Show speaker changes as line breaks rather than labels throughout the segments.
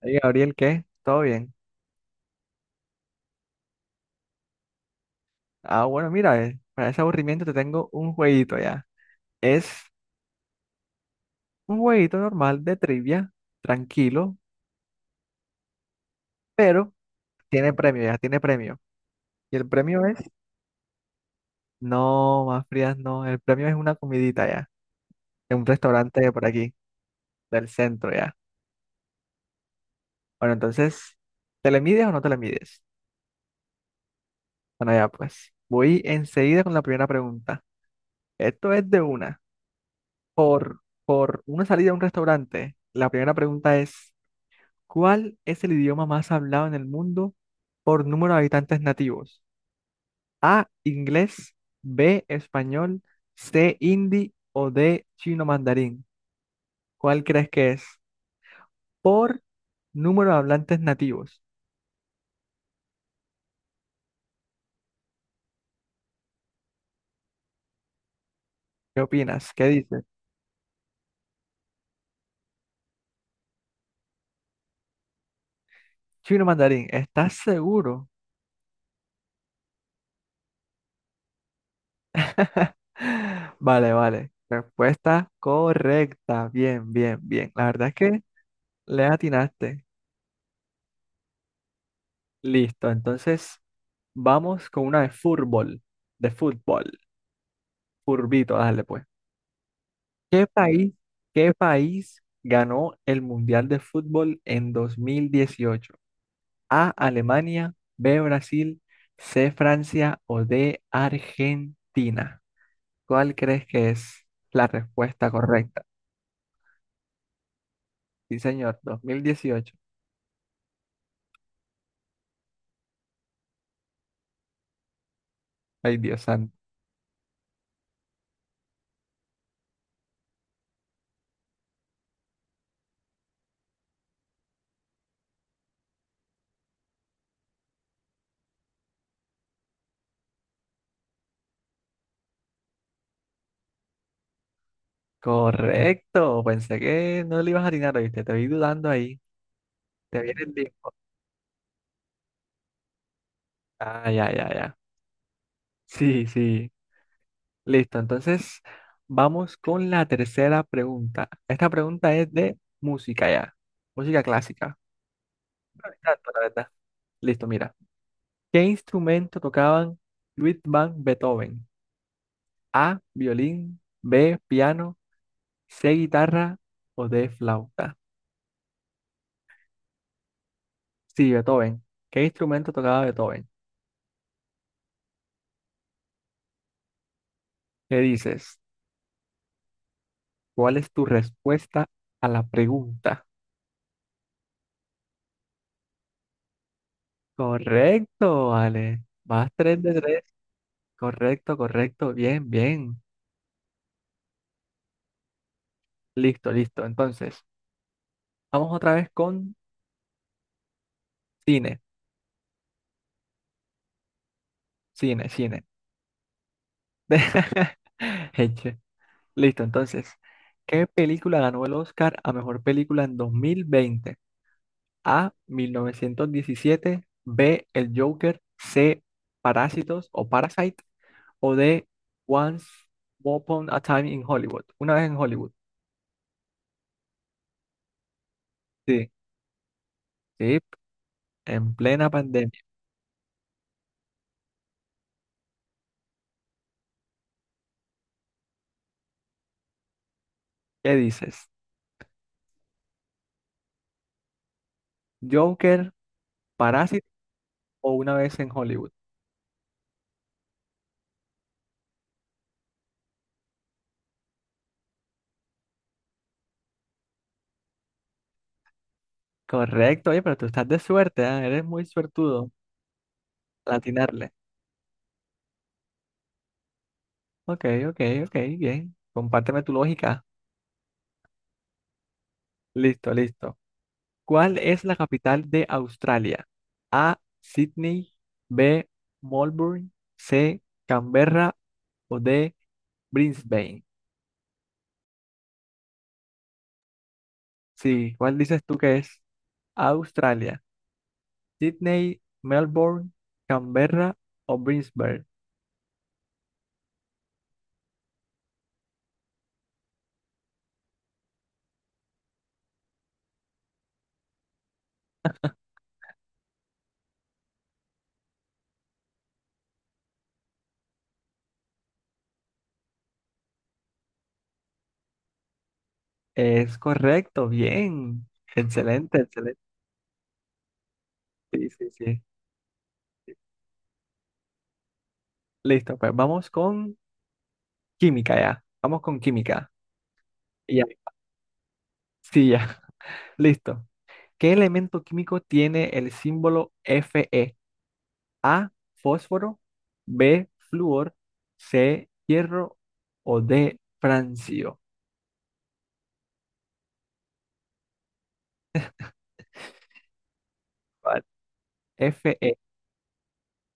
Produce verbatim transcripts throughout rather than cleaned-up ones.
Hey, Gabriel, ¿qué? ¿Todo bien? Ah, bueno, mira, eh, para ese aburrimiento te tengo un jueguito ya. Es un jueguito normal de trivia, tranquilo, pero tiene premio ya, tiene premio. Y el premio es, no, más frías no, el premio es una comidita ya, en un restaurante de por aquí, del centro ya. Bueno, entonces, ¿te le mides o no te le mides? Bueno, ya pues, voy enseguida con la primera pregunta. Esto es de una, por, por una salida a un restaurante. La primera pregunta es: ¿Cuál es el idioma más hablado en el mundo por número de habitantes nativos? A, inglés, B, español, C, hindi o D, chino mandarín. ¿Cuál crees que es? Por número de hablantes nativos. ¿Qué opinas? ¿Qué dices? Chino mandarín, ¿estás seguro? Vale, vale. Respuesta correcta. Bien, bien, bien. La verdad es que le atinaste. Listo, entonces vamos con una de fútbol. De fútbol. Curvito, dale pues. ¿Qué país, qué país ganó el Mundial de Fútbol en dos mil dieciocho? A, Alemania, B, Brasil, C, Francia o D, Argentina. ¿Cuál crees que es la respuesta correcta? Sí, señor, dos mil dieciocho. Ay, Dios santo. Correcto, pensé que no le ibas a atinar, ¿viste? Te vi dudando ahí. Te viene el tiempo. Ah, ya, ya, ya. Sí, sí. Listo, entonces vamos con la tercera pregunta. Esta pregunta es de música ya, música clásica. No, ni tanto, la verdad. Listo, mira. ¿Qué instrumento tocaban Ludwig van Beethoven? A, violín, B, piano, C, guitarra o D, flauta. Sí, Beethoven. ¿Qué instrumento tocaba Beethoven? ¿Qué dices? ¿Cuál es tu respuesta a la pregunta? Correcto, Ale. Vas tres de tres. Correcto, correcto. Bien, bien. Listo, listo. Entonces, vamos otra vez con cine, cine, cine. Eche. Listo, entonces, ¿qué película ganó el Oscar a mejor película en dos mil veinte? A, mil novecientos diecisiete, B, El Joker, C, Parásitos o Parasite o D, Once Upon a Time in Hollywood. Una vez en Hollywood. Sí, sí, en plena pandemia. ¿Qué dices? ¿Joker, Parásito o Una vez en Hollywood? Correcto, oye, pero tú estás de suerte, ¿ah? Eres muy suertudo al atinarle. Ok, ok, ok, bien. Compárteme tu lógica. Listo, listo. ¿Cuál es la capital de Australia? A, Sydney, B, Melbourne, C, Canberra o D, Brisbane. Sí, ¿cuál dices tú que es Australia? Sydney, Melbourne, Canberra o Brisbane. Es correcto, bien. Excelente, excelente. Sí, sí, sí. Listo, pues vamos con. Química ya. Vamos con química. Ya. Sí, ya. Listo. ¿Qué elemento químico tiene el símbolo Fe? A, fósforo, B, flúor, C, hierro o D, francio. Vale. Fe.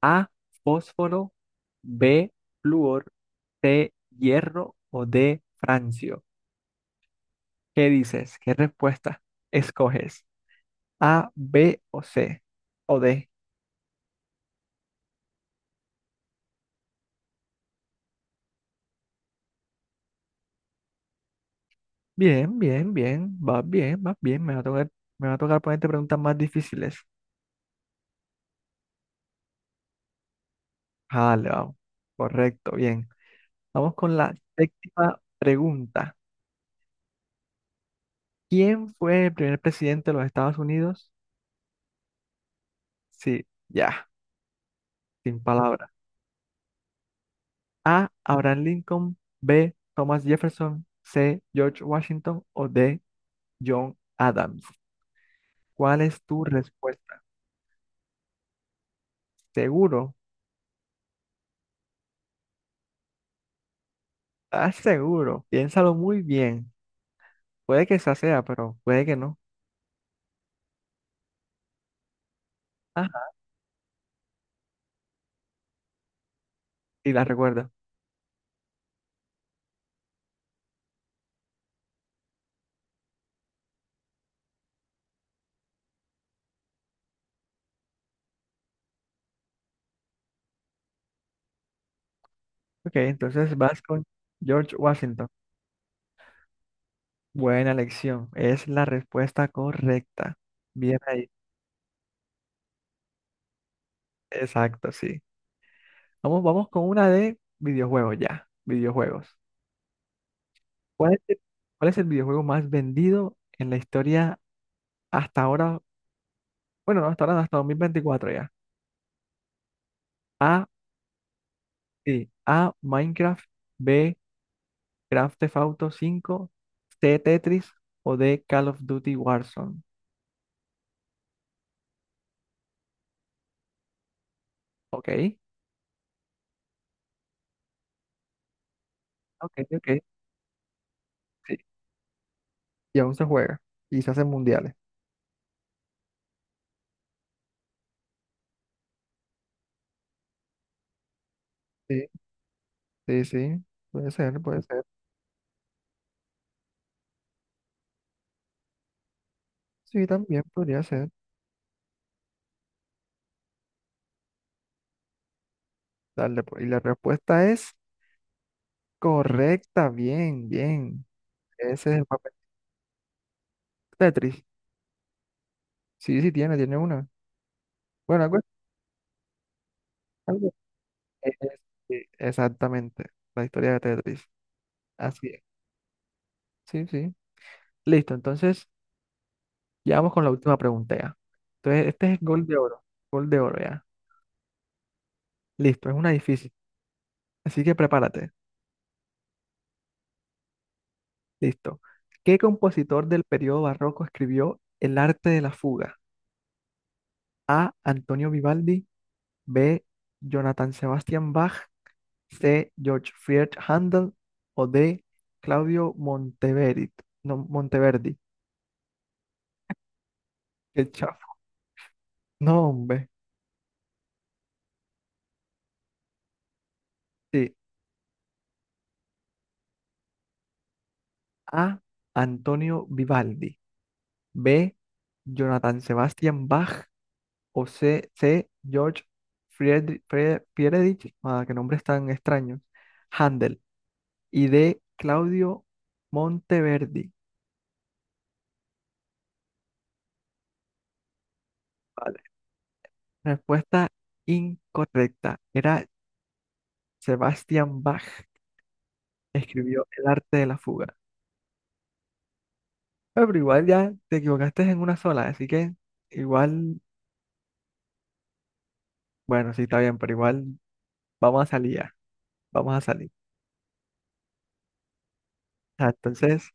A, fósforo, B, flúor, C, hierro o D, francio. ¿Qué dices? ¿Qué respuesta escoges? A, B o C o D. Bien, bien, bien, va bien, va bien. Me va a tocar, me va a tocar ponerte preguntas más difíciles. Vale, vamos. Correcto, bien. Vamos con la séptima pregunta. ¿Quién fue el primer presidente de los Estados Unidos? Sí, ya, sin palabras. A, Abraham Lincoln. B, Thomas Jefferson. C, George Washington. O D, John Adams. ¿Cuál es tu respuesta? ¿Seguro? ¿Estás seguro? Piénsalo muy bien. Puede que esa sea, pero puede que no. Ajá, y la recuerda. Ok, entonces vas con George Washington. Buena elección. Es la respuesta correcta. Bien ahí. Exacto, sí. Vamos, vamos con una de videojuegos ya. Videojuegos. ¿Cuál es el, cuál es el videojuego más vendido en la historia hasta ahora? Bueno, no hasta ahora, no, hasta dos mil veinticuatro ya. A, sí. A, Minecraft. B, Grand Theft Auto cinco. C, Tetris. O D, Call of Duty Warzone. Ok. Ok, ok. Sí. Y aún se juega. Y se hacen mundiales. Sí, sí, sí, puede ser, puede ser. Sí, también podría ser. Dale, pues. Y la respuesta es correcta, bien, bien. Ese es el papel Tetris. Sí, sí, tiene, tiene una. Bueno, algo, algo- es- sí, exactamente, la historia de Tetris. Así es. Sí, sí. Listo, entonces, ya vamos con la última pregunta ya. Entonces, este es gol de oro, gol de oro ya. Listo, es una difícil, así que prepárate. Listo. ¿Qué compositor del periodo barroco escribió El arte de la fuga? A, Antonio Vivaldi. B, Jonathan Sebastian Bach. C, George Friedrich Handel. O D, Claudio Monteverdi. No, Monteverdi. Qué chafo. No, hombre. Sí. A, Antonio Vivaldi. B, Jonathan Sebastian Bach. O C. C, George Friedrich. Fre- Friedrich. Ah, qué nombres tan extraños. Handel. Y D, Claudio Monteverdi. Vale. Respuesta incorrecta. Era Sebastian Bach escribió El arte de la fuga. Ah, pero igual ya te equivocaste en una sola, así que igual, bueno, sí está bien, pero igual vamos a salir ya, vamos a salir. Ah, entonces,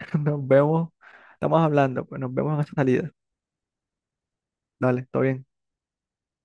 nos vemos, estamos hablando, pues nos vemos en esa salida. Dale, todo bien.